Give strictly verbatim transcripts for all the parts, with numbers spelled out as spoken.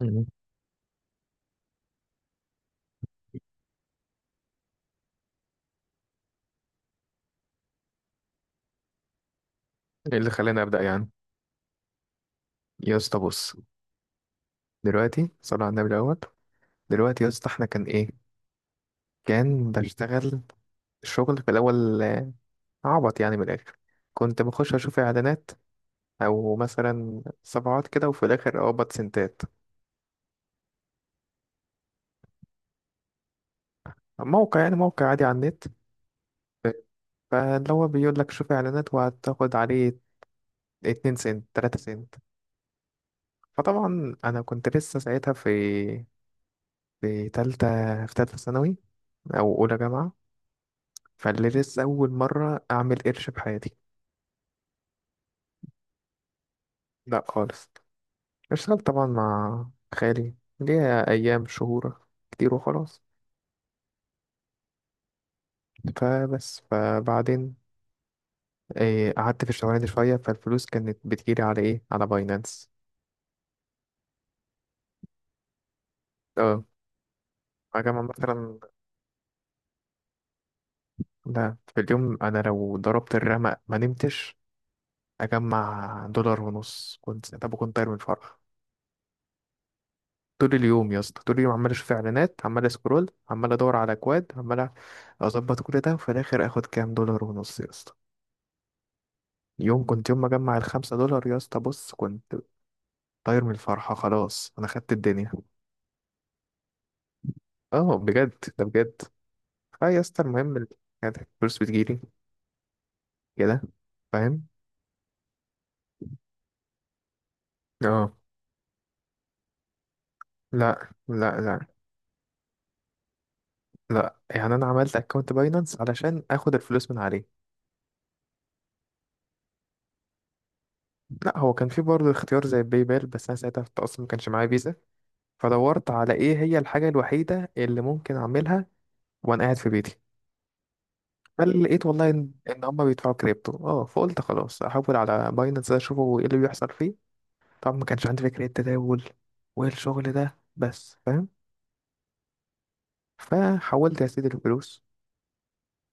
مم. ايه اللي خلاني ابدا يعني؟ يا اسطى بص، دلوقتي صلى على النبي الاول. دلوقتي يا اسطى احنا كان ايه، كان بشتغل الشغل في الاول. آه، عبط يعني من الاخر. كنت بخش اشوف اعلانات او مثلا صفحات كده، وفي الاخر اقبض سنتات. موقع، يعني موقع عادي على النت. فاللي هو بيقول لك شوف اعلانات وهتاخد عليه 2 سنت 3 سنت. فطبعا انا كنت لسه ساعتها في في تالتة في تالتة ثانوي او اولى جامعة. فاللي لسه أول مرة أعمل قرش بحياتي. لا خالص، اشتغلت طبعا مع خالي ليا أيام شهور كتير وخلاص. فبس فبعدين إيه قعدت في الشغلانة دي شوية، فالفلوس كانت بتجيلي على إيه، على باينانس. اه أجمع مثلا، لا في اليوم أنا لو ضربت الرمق ما نمتش أجمع دولار ونص، كنت طب كنت طاير من الفرح. طول اليوم يا اسطى، طول اليوم عمال اشوف اعلانات، عمال اسكرول، عمال ادور على اكواد، عمال اظبط كل ده، وفي الاخر اخد كام، دولار ونص يا اسطى. يوم كنت يوم ما اجمع الخمسة دولار يا اسطى بص، كنت طاير من الفرحة، خلاص انا خدت الدنيا. اه بجد، ده بجد. اه يا اسطى، المهم ال- كانت الفلوس بتجيلي كده. فاهم. اه، لا لا لا، لا يعني انا عملت اكونت باينانس علشان اخد الفلوس من عليه. لا هو كان في برضه اختيار زي باي بال، بس انا ساعتها في التقسيط ما كانش معايا فيزا. فدورت على ايه هي الحاجة الوحيدة اللي ممكن اعملها وانا قاعد في بيتي. فلقيت والله ان إن هما بيدفعوا كريبتو، اه فقلت خلاص احول على باينانس اشوفه ايه اللي بيحصل فيه. طبعا ما كانش عندي فكرة التداول والشغل ده، بس فاهم. فحولت يا سيدي الفلوس،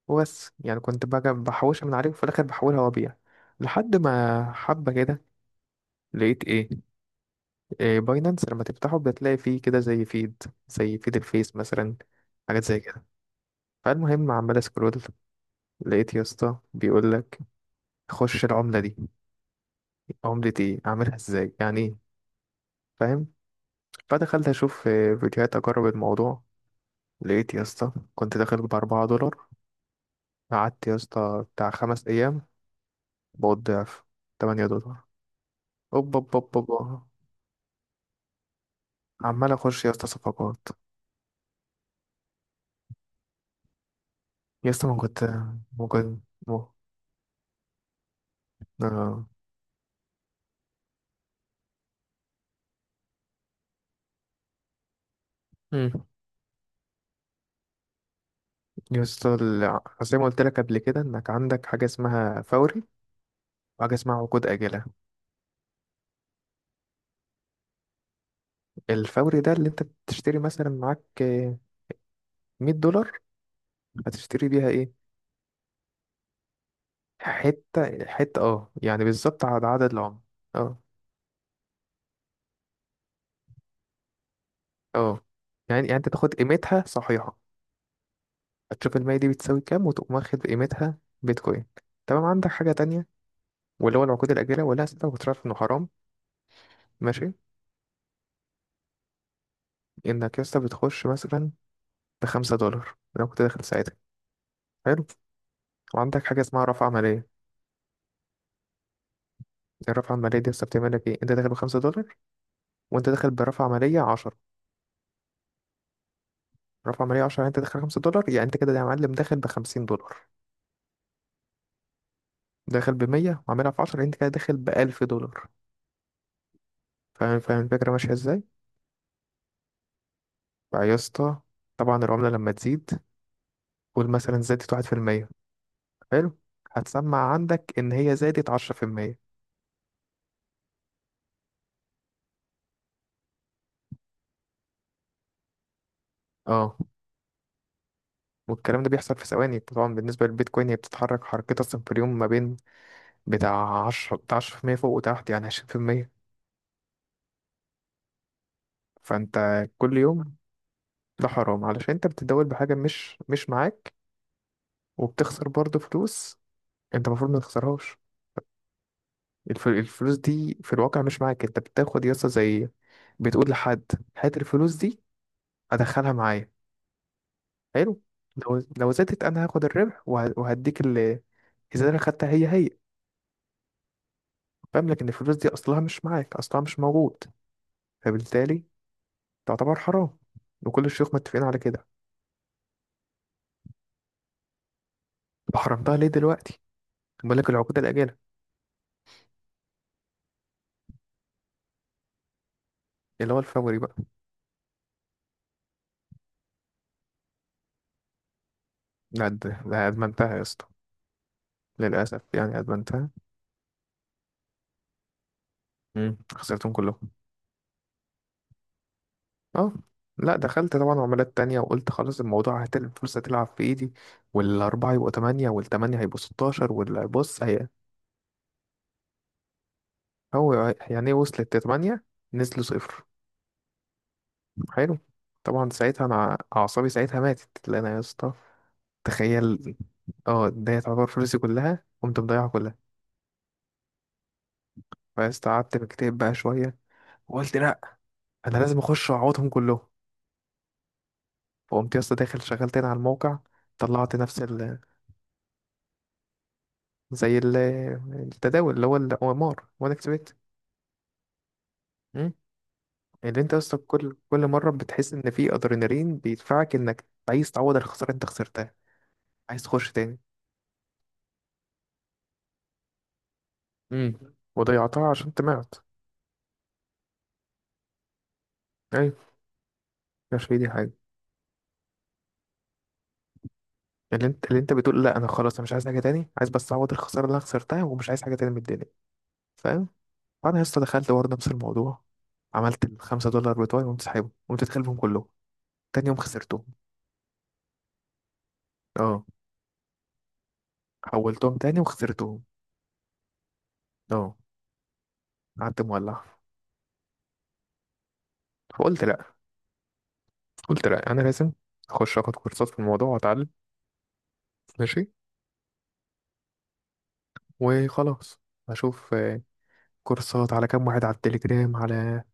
وبس يعني كنت بقى بحوشها من عليه، وفي الاخر بحولها وابيع. لحد ما حبة كده لقيت ايه، إيه باينانس لما تفتحه بتلاقي فيه كده زي فيد، زي فيد الفيس مثلا. حاجات زي كده. فالمهم عمال اسكرول، لقيت يا اسطى بيقول لك خش العملة دي، عملة ايه، اعملها ازاي، يعني ايه، فاهم. فدخلت اشوف آه، فيديوهات، اجرب الموضوع. لقيت يا اسطى كنت داخل بأربعة دولار، قعدت يا اسطى بتاع خمس ايام، بقيت ضعف، تمانية دولار. اوب اوب اوب اوب، عمال اخش يا اسطى صفقات. يا اسطى ما كنت ممكن آه. مم. يا اسطى ال- زي ما قلت لك قبل كده، انك عندك حاجة اسمها فوري، وحاجة اسمها عقود آجلة. الفوري ده اللي انت بتشتري مثلا معاك مية دولار، هتشتري بيها ايه، حته حته، اه يعني بالظبط على عدد العمر. اه اه، يعني يعني انت تاخد قيمتها صحيحه، هتشوف المية دي بتساوي كام، وتقوم واخد قيمتها بيتكوين. تمام، عندك حاجه تانية واللي هو العقود الاجله، ولا انت كنت عارف انه حرام؟ ماشي، انك يا اسطى بتخش مثلا بخمسة دولار لو كنت داخل ساعتها. حلو، وعندك حاجه اسمها رفع عمليه. الرفع العمليه دي يا اسطى بتعمل لك ايه، انت داخل بخمسة دولار وانت داخل برفع عمليه عشرة. رفع عمليه عشرة، انت داخل خمسة دولار، يعني انت كده يا معلم داخل ب خمسين دولار. داخل بمية وعاملها في عشرة، انت كده داخل بألف دولار. فاهم، فاهم الفكرة ماشية ازاي؟ فيا اسطى، طبعا العملة لما تزيد، قول مثلا زادت واحد في المية. حلو، هتسمع عندك ان هي زادت عشرة في المية. اه، والكلام ده بيحصل في ثواني. طبعا بالنسبة للبيتكوين هي بتتحرك حركتها اصلا في اليوم ما بين بتاع عشرة، عشرة في المية فوق وتحت، يعني عشرين في المية. فانت كل يوم، ده حرام علشان انت بتتداول بحاجة مش مش معاك، وبتخسر برضه فلوس انت المفروض ما تخسرهاش. الف- الفلوس دي في الواقع مش معاك. انت بتاخد يسطا زي بتقول لحد هات الفلوس دي ادخلها معايا، حلو، لو لو زادت انا هاخد الربح وه- وهديك ال، اذا انا خدتها هي هي. فاهم، لكن الفلوس دي اصلها مش معاك، اصلها مش موجود، فبالتالي تعتبر حرام، وكل الشيوخ متفقين على كده. طب حرمتها ليه دلوقتي، بقول لك العقود الاجله، اللي هو الفوري بقى. لا ده ده ادمنتها يا اسطى، للاسف يعني ادمنتها. مم. خسرتهم كلهم. اه، لا دخلت طبعا عملات تانية، وقلت خلاص الموضوع هتل الفرصة تلعب في ايدي، والأربعة يبقوا تمانية، والتمانية هيبقوا ستاشر، والبص هي هو، يعني ايه وصلت لتمانية نزلوا صفر. حلو، طبعا ساعتها أنا أعصابي ساعتها ماتت، لأن أنا يا اسطى تخيل، اه ده تعتبر فلوسي كلها قمت مضيعها كلها. فاستقعدت مكتئب بقى شوية، وقلت لأ، أنا لازم أخش وأعوضهم كلهم. فقمت يا اسطى داخل شغال تاني على الموقع، طلعت نفس زي ال- التداول اللي هو الأمار، وأنا كسبت. مم. اللي أنت أصلا كل كل مرة بتحس إن في أدرينالين بيدفعك إنك عايز تعوض الخسارة اللي أنت خسرتها، عايز تخش تاني. امم، وضيعتها عشان طمعت. أيوة، مش في دي حاجة، اللي أنت اللي أنت بتقول لأ أنا خلاص أنا مش عايز حاجة تاني، عايز بس أعوض الخسارة اللي أنا خسرتها، ومش عايز حاجة تاني من الدنيا. فاهم. فأنا لسه دخلت برضه نفس الموضوع، عملت الخمسة دولار بتوعي، وقمت سحبهم وقمت داخلهم كلهم، تاني يوم خسرتهم. اه، حولتهم تاني وخسرتهم. اه، قعدت مولع. فقلت لا، قلت لا انا لازم اخش اخد كورسات في الموضوع واتعلم. ماشي، وخلاص اشوف آه، كورسات على كام واحد على التليجرام، على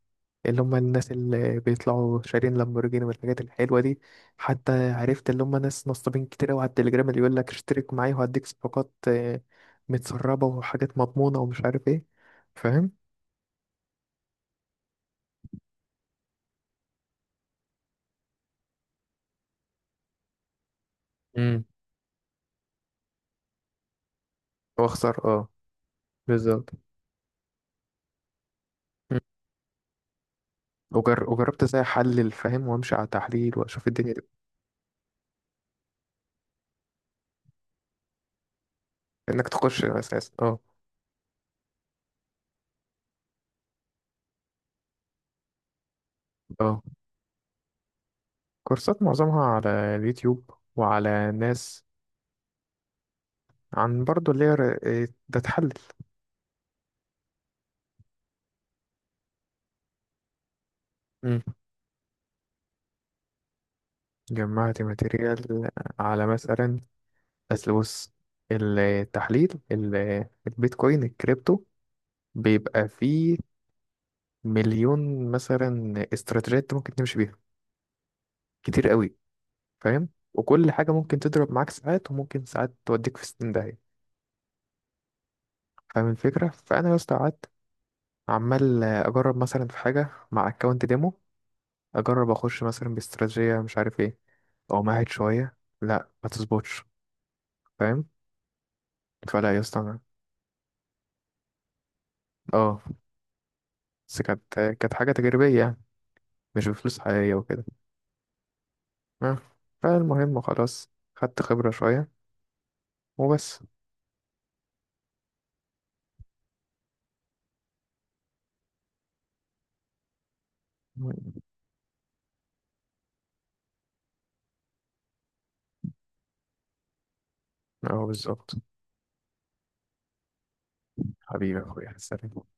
اللي هم الناس اللي بيطلعوا شارين لامبورجيني والحاجات الحلوه دي. حتى عرفت اللي هم ناس نصابين كتير قوي على التليجرام، اللي يقول لك اشترك معايا وهديك صفقات آه، متسربه وحاجات مضمونه ومش عارف ايه. فاهم. امم، واخسر اه. بالظبط. مم. وجر... وجربت ازاي احلل، فاهم، وامشي على تحليل واشوف الدنيا دي. انك تخش اساسا اه. اه كورسات معظمها على اليوتيوب وعلى ناس. عن برضو اللي هي ر- إيه، ده تحلل. مم. جمعت ماتيريال على مثلا، أصل بص، التحليل ال- البيتكوين الكريبتو بيبقى فيه مليون مثلا استراتيجيات ممكن تمشي بيها، كتير قوي. فاهم، وكل حاجة ممكن تضرب معاك ساعات، وممكن ساعات توديك في ستين داهية. فاهم الفكرة، فأنا يا اسطى قعدت عمال أجرب مثلا في حاجة مع أكونت ديمو. اجرب اخش مثلا باستراتيجيه مش عارف ايه، او معهد شويه، لا ما تظبطش. فاهم. فلا يا اسطى أنا- اه بس كانت كانت حاجه تجريبيه يعني، مش بفلوس حقيقيه وكده. آه. فالمهم خلاص، خدت خبره شويه وبس. اه بالظبط. حبيبي يا اخويا سلام.